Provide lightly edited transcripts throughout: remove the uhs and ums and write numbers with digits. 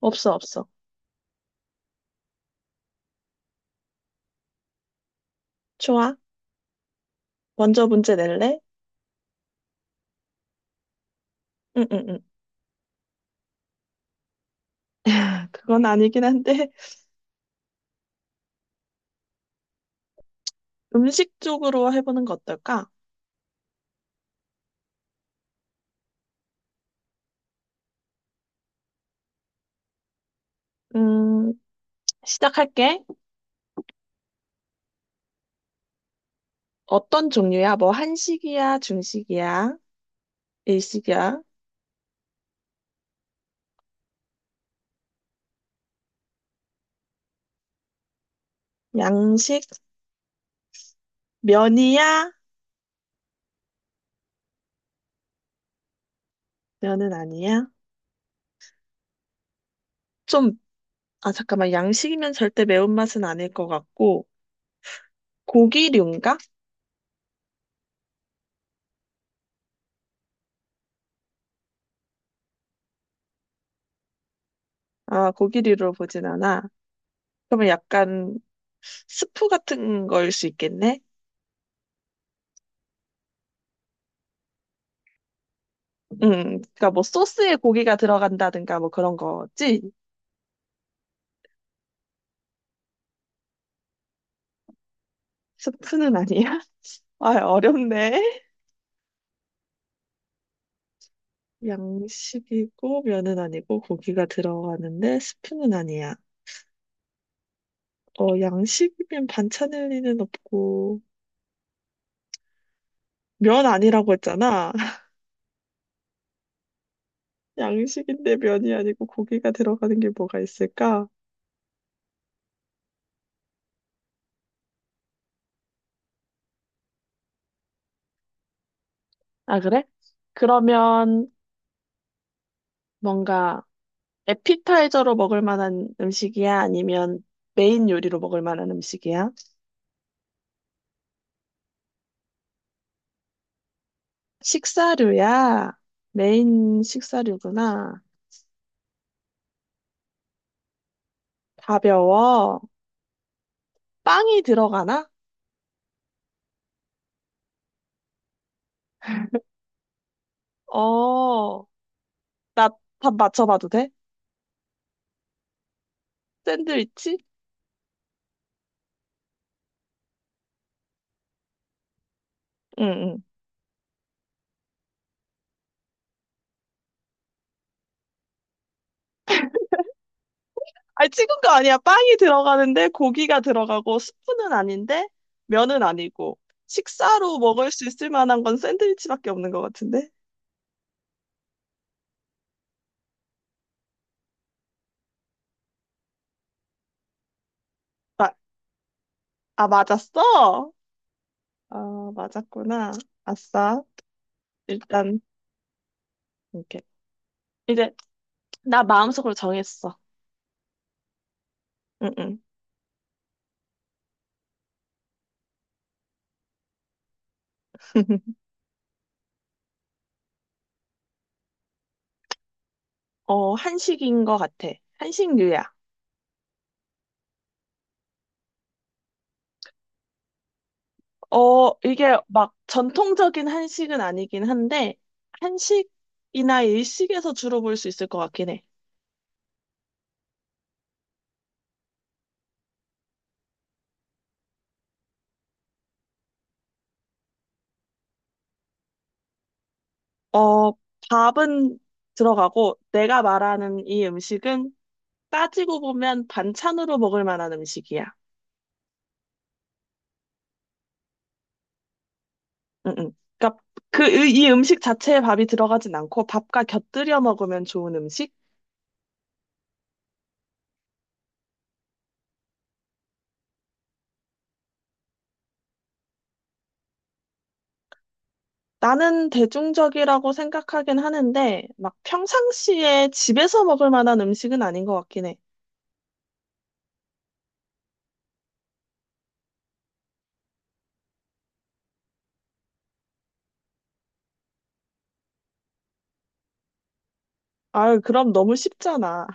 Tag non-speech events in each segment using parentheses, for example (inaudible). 없어, 없어. 좋아. 먼저 문제 낼래? 응, 응, 응. (laughs) 그건 아니긴 한데, (laughs) 음식 쪽으로 해보는 거 어떨까? 음, 시작할게. 어떤 종류야? 뭐, 한식이야? 중식이야? 일식이야? 양식? 면이야? 면은 아니야? 좀, 아, 잠깐만. 양식이면 절대 매운맛은 아닐 것 같고, 고기류인가? 아, 고기류로 보진 않아. 그러면 약간 스프 같은 걸 수 있겠네? 그러니까 뭐 소스에 고기가 들어간다든가 뭐 그런 거지? 스프는 아니야? (laughs) 아, 어렵네. 양식이고 면은 아니고 고기가 들어가는데 스프는 아니야. 어, 양식이면 반찬 일리는 없고 면 아니라고 했잖아. (laughs) 양식인데 면이 아니고 고기가 들어가는 게 뭐가 있을까? 아, 그래? 그러면 뭔가 에피타이저로 먹을 만한 음식이야? 아니면 메인 요리로 먹을 만한 음식이야? 식사류야. 메인 식사류구나. 가벼워. 빵이 들어가나? 어, 나 답 맞춰봐도 돼? 샌드위치? 응, 응. 아니, 찍은 거 아니야. 빵이 들어가는데 고기가 들어가고 스프는 아닌데 면은 아니고 식사로 먹을 수 있을 만한 건 샌드위치밖에 없는 것 같은데? 마, 아, 맞았어? 아, 맞았구나. 아싸. 일단, 이렇게. 이제 나 마음속으로 정했어. 응, 응. (laughs) 어, 한식인 것 같아. 한식류야. 어, 이게 막 전통적인 한식은 아니긴 한데, 한식이나 일식에서 주로 볼 수 있을 것 같긴 해. 어, 밥은 들어가고, 내가 말하는 이 음식은 따지고 보면 반찬으로 먹을 만한 음식이야. 응, 응. 그러니까 그, 이 음식 자체에 밥이 들어가진 않고, 밥과 곁들여 먹으면 좋은 음식? 나는 대중적이라고 생각하긴 하는데, 막 평상시에 집에서 먹을 만한 음식은 아닌 것 같긴 해. 아유, 그럼 너무 쉽잖아.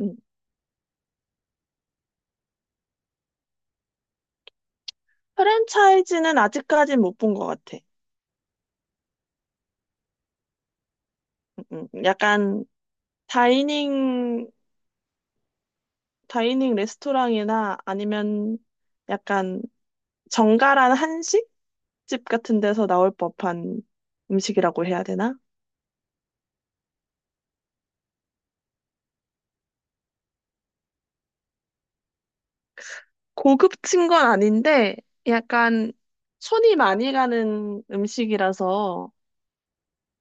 음. 프랜차이즈는 아직까진 못 본 것 같아. 약간 다이닝, 다이닝 레스토랑이나 아니면 약간 정갈한 한식집 같은 데서 나올 법한 음식이라고 해야 되나? 고급진 건 아닌데, 약간 손이 많이 가는 음식이라서,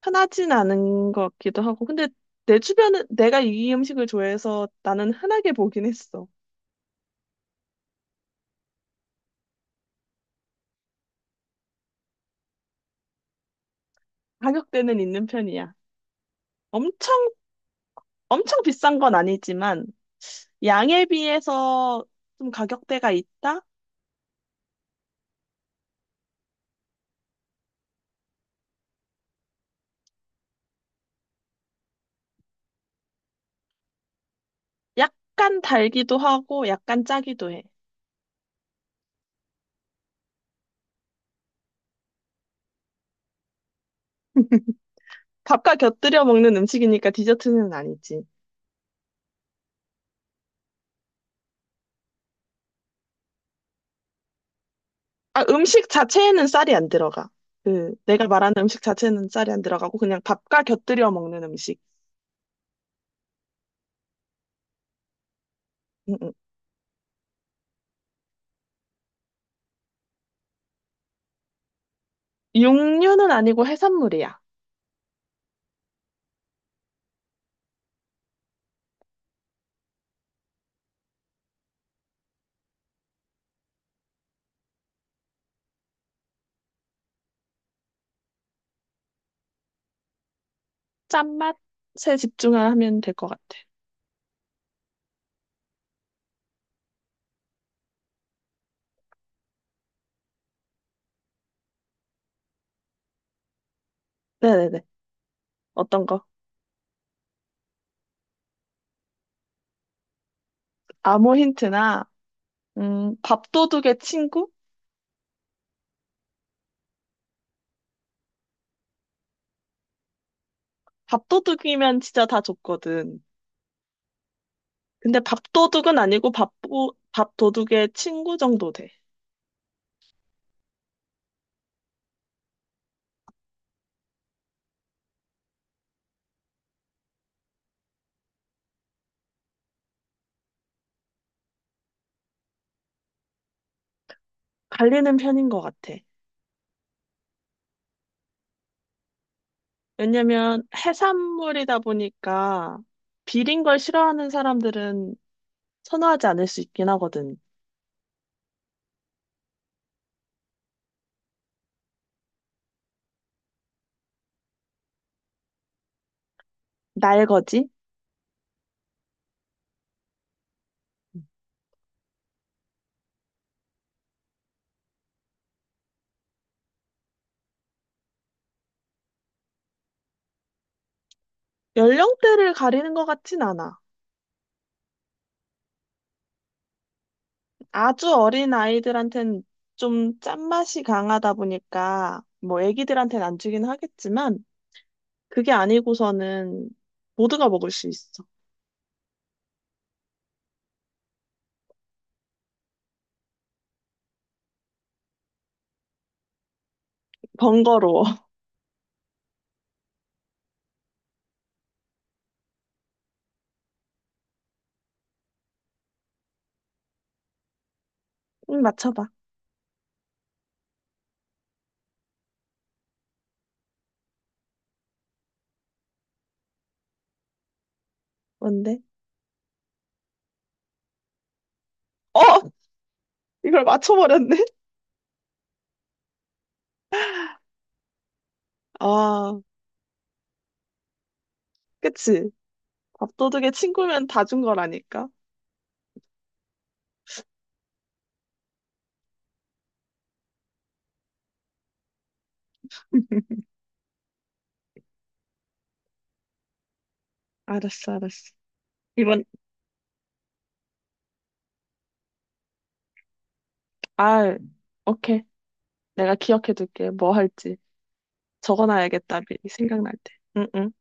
흔하진 않은 것 같기도 하고. 근데 내 주변은 내가 이 음식을 좋아해서 나는 흔하게 보긴 했어. 가격대는 있는 편이야. 엄청, 엄청 비싼 건 아니지만, 양에 비해서 좀 가격대가 있다? 약간 달기도 하고, 약간 짜기도 해. 밥과 곁들여 먹는 음식이니까 디저트는 아니지. 아, 음식 자체에는 쌀이 안 들어가. 그, 내가 말하는 음식 자체는 쌀이 안 들어가고, 그냥 밥과 곁들여 먹는 음식. 음, 음. 육류는 아니고 해산물이야. 짠맛에 집중하면 될 것 같아. 네네네. 어떤 거? 아무 힌트나, 밥도둑의 친구? 밥도둑이면 진짜 다 줬거든. 근데 밥도둑은 아니고 밥도둑의 친구 정도 돼. 갈리는 편인 것 같아. 왜냐면 해산물이다 보니까 비린 걸 싫어하는 사람들은 선호하지 않을 수 있긴 하거든. 날거지? 연령대를 가리는 것 같진 않아. 아주 어린 아이들한텐 좀 짠맛이 강하다 보니까 뭐 애기들한텐 안 주긴 하겠지만 그게 아니고서는 모두가 먹을 수 있어. 번거로워. (laughs) 맞춰봐. 뭔데? 어! 이걸 맞춰버렸네? (laughs) 아, 그치. 밥도둑의 친구면 다 준 거라니까. 알았어, 알았어. 이번, 아, 오케이. 내가 기억해둘게. 뭐 할지. 적어놔야겠다, 미리 생각날 때. 응, 응.